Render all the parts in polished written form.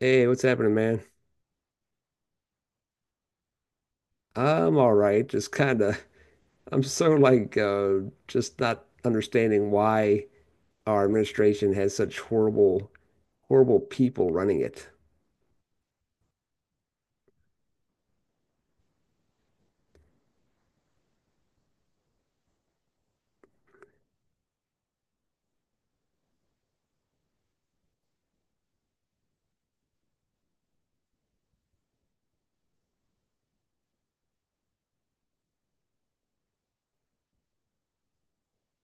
Hey, what's happening, man? I'm all right. Just kind of, I'm so like, just not understanding why our administration has such horrible, horrible people running it.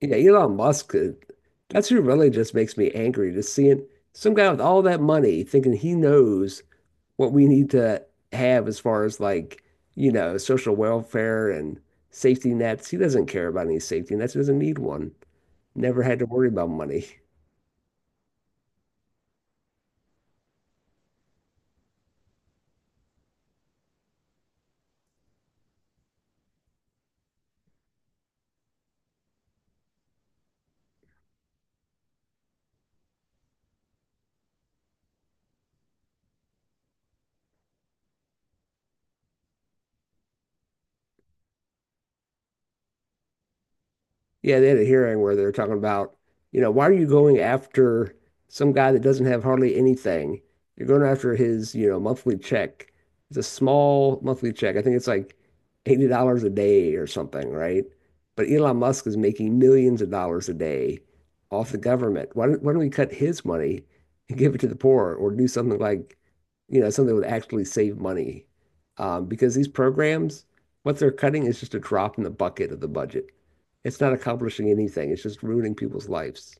Yeah, Elon Musk, that's who really just makes me angry. Just seeing some guy with all that money thinking he knows what we need to have as far as like, social welfare and safety nets. He doesn't care about any safety nets. He doesn't need one. Never had to worry about money. Yeah, they had a hearing where they are talking about, why are you going after some guy that doesn't have hardly anything? You're going after his, monthly check. It's a small monthly check. I think it's like $80 a day or something, right? But Elon Musk is making millions of dollars a day off the government. Why don't we cut his money and give it to the poor or do something like, something that would actually save money? Because these programs, what they're cutting is just a drop in the bucket of the budget. It's not accomplishing anything. It's just ruining people's lives.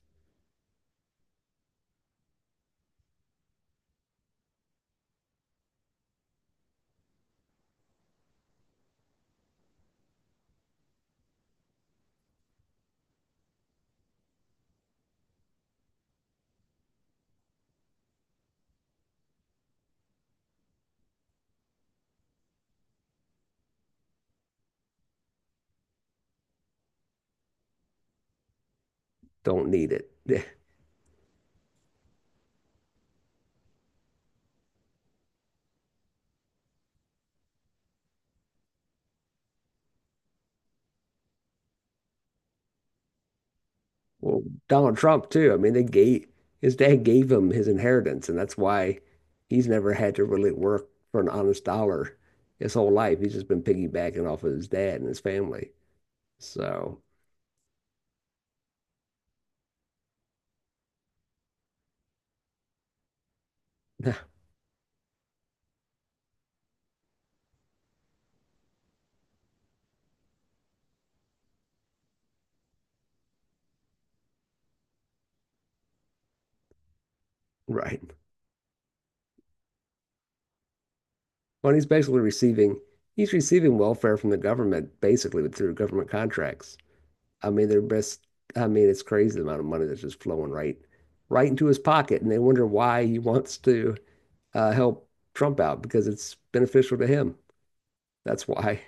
Don't need it. Well, Donald Trump too. I mean, they gave his dad gave him his inheritance, and that's why he's never had to really work for an honest dollar his whole life. He's just been piggybacking off of his dad and his family. So, Right. Well, he's receiving welfare from the government basically through government contracts. I mean, they're best. I mean, it's crazy the amount of money that's just flowing right into his pocket, and they wonder why he wants to help Trump out because it's beneficial to him. That's why,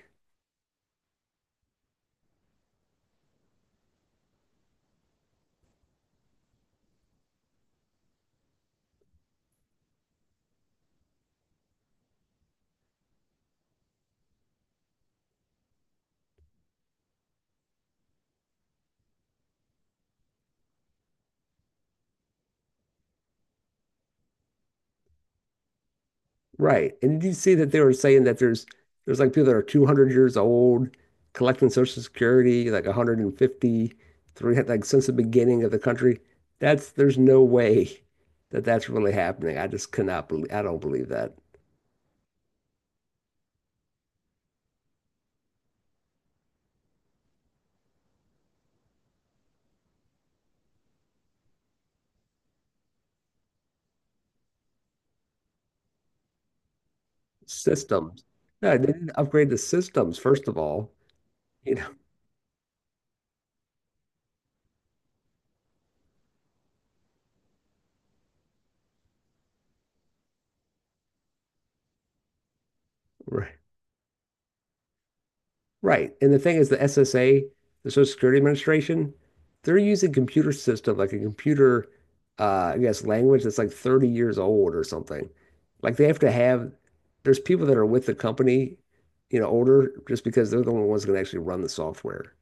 right? And did you see that they were saying that there's like people that are 200 years old collecting Social Security, like 150, 300, like since the beginning of the country. That's There's no way that that's really happening. I just cannot believe. I don't believe that. Systems. No, they didn't upgrade the systems, first of all. You know, Right. Right. And the thing is, the SSA, the Social Security Administration, they're using computer system, like a computer, I guess, language that's like 30 years old or something. Like they have to have, there's people that are with the company, older just because they're the only ones that can actually run the software.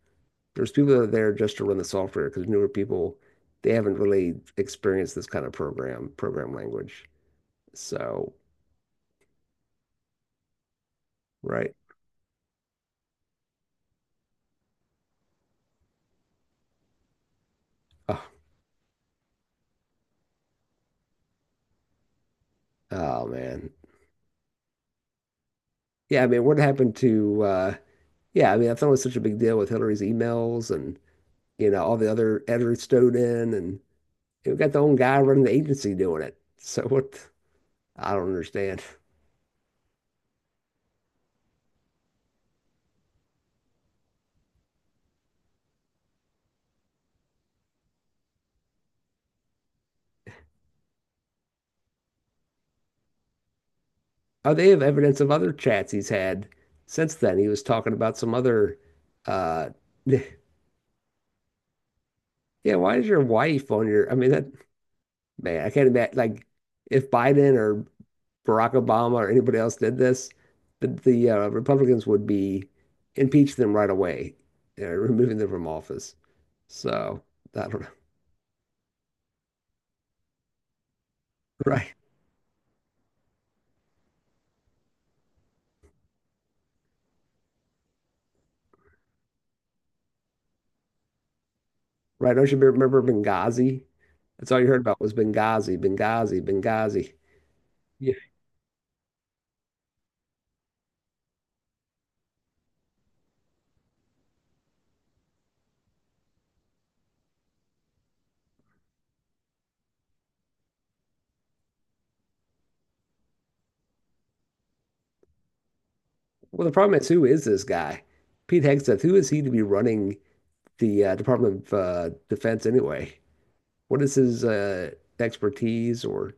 There's people that are there just to run the software because newer people, they haven't really experienced this kind of program language. So, right. Oh, oh, man. Yeah, I mean, what happened to yeah, I mean, I thought was such a big deal with Hillary's emails and all the other editors stowed in and we got the own guy running the agency doing it. So what I don't understand. Oh, they have evidence of other chats he's had since then. He was talking about some other uh yeah, why is your wife on your I mean that man, I can't imagine like if Biden or Barack Obama or anybody else did this, the Republicans would be impeach them right away, removing them from office. So I don't know. Right. Right. Don't you remember Benghazi? That's all you heard about was Benghazi, Benghazi, Benghazi. Yeah. Well, the problem is, who is this guy? Pete Hegseth, who is he to be running the Department of Defense anyway? What is his expertise? Or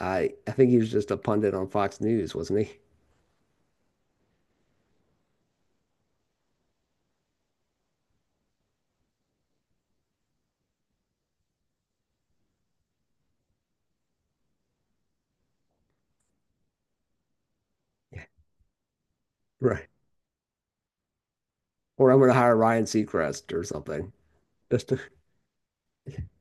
I think he was just a pundit on Fox News, wasn't he? Yeah. Right. Or I'm gonna hire Ryan Seacrest or something. Just to,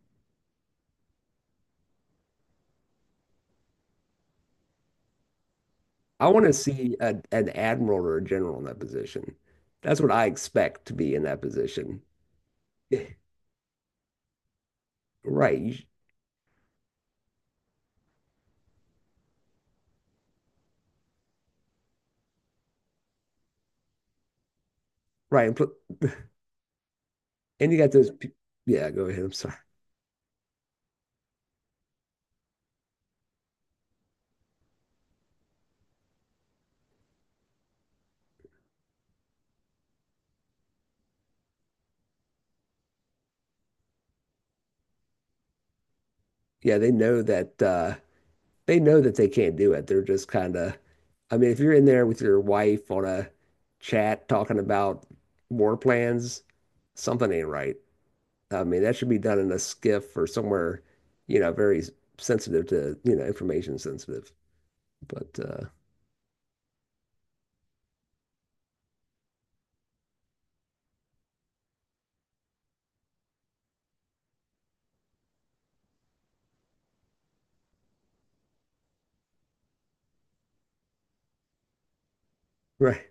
I want to see an admiral or a general in that position. That's what I expect to be in that position. Right. You, right. And you got those. Yeah, go ahead. I'm sorry. Yeah, they know that they can't do it. They're just kind of, I mean, if you're in there with your wife on a chat talking about war plans, something ain't right. I mean, that should be done in a skiff or somewhere, very sensitive to, information sensitive. But right.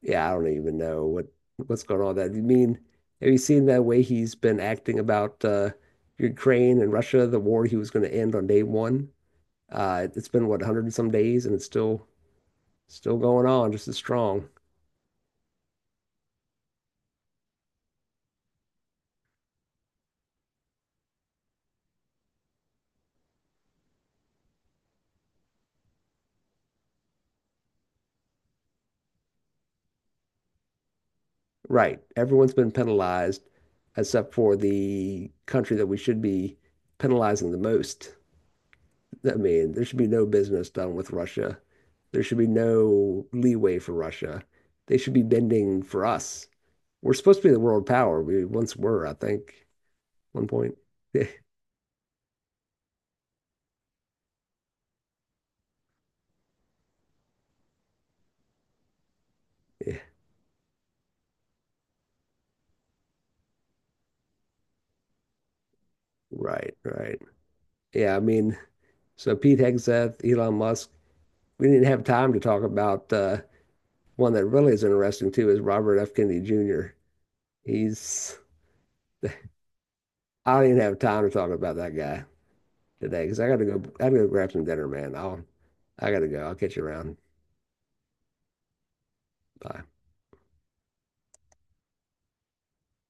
Yeah, I don't even know what's going on with that. You mean, have you seen that way he's been acting about Ukraine and Russia, the war he was going to end on day one? It's been what, 100 and some days and it's still going on just as strong. Right. Everyone's been penalized except for the country that we should be penalizing the most. I mean, there should be no business done with Russia. There should be no leeway for Russia. They should be bending for us. We're supposed to be the world power. We once were, I think, at one point. Yeah. Right, right. Yeah, I mean, so Pete Hegseth, Elon Musk. We didn't have time to talk about one that really is interesting too is Robert F. Kennedy Jr. He's I don't even have time to talk about that guy today because I gotta go. I gotta go grab some dinner, man. I'll I gotta go. I'll catch you around. Bye.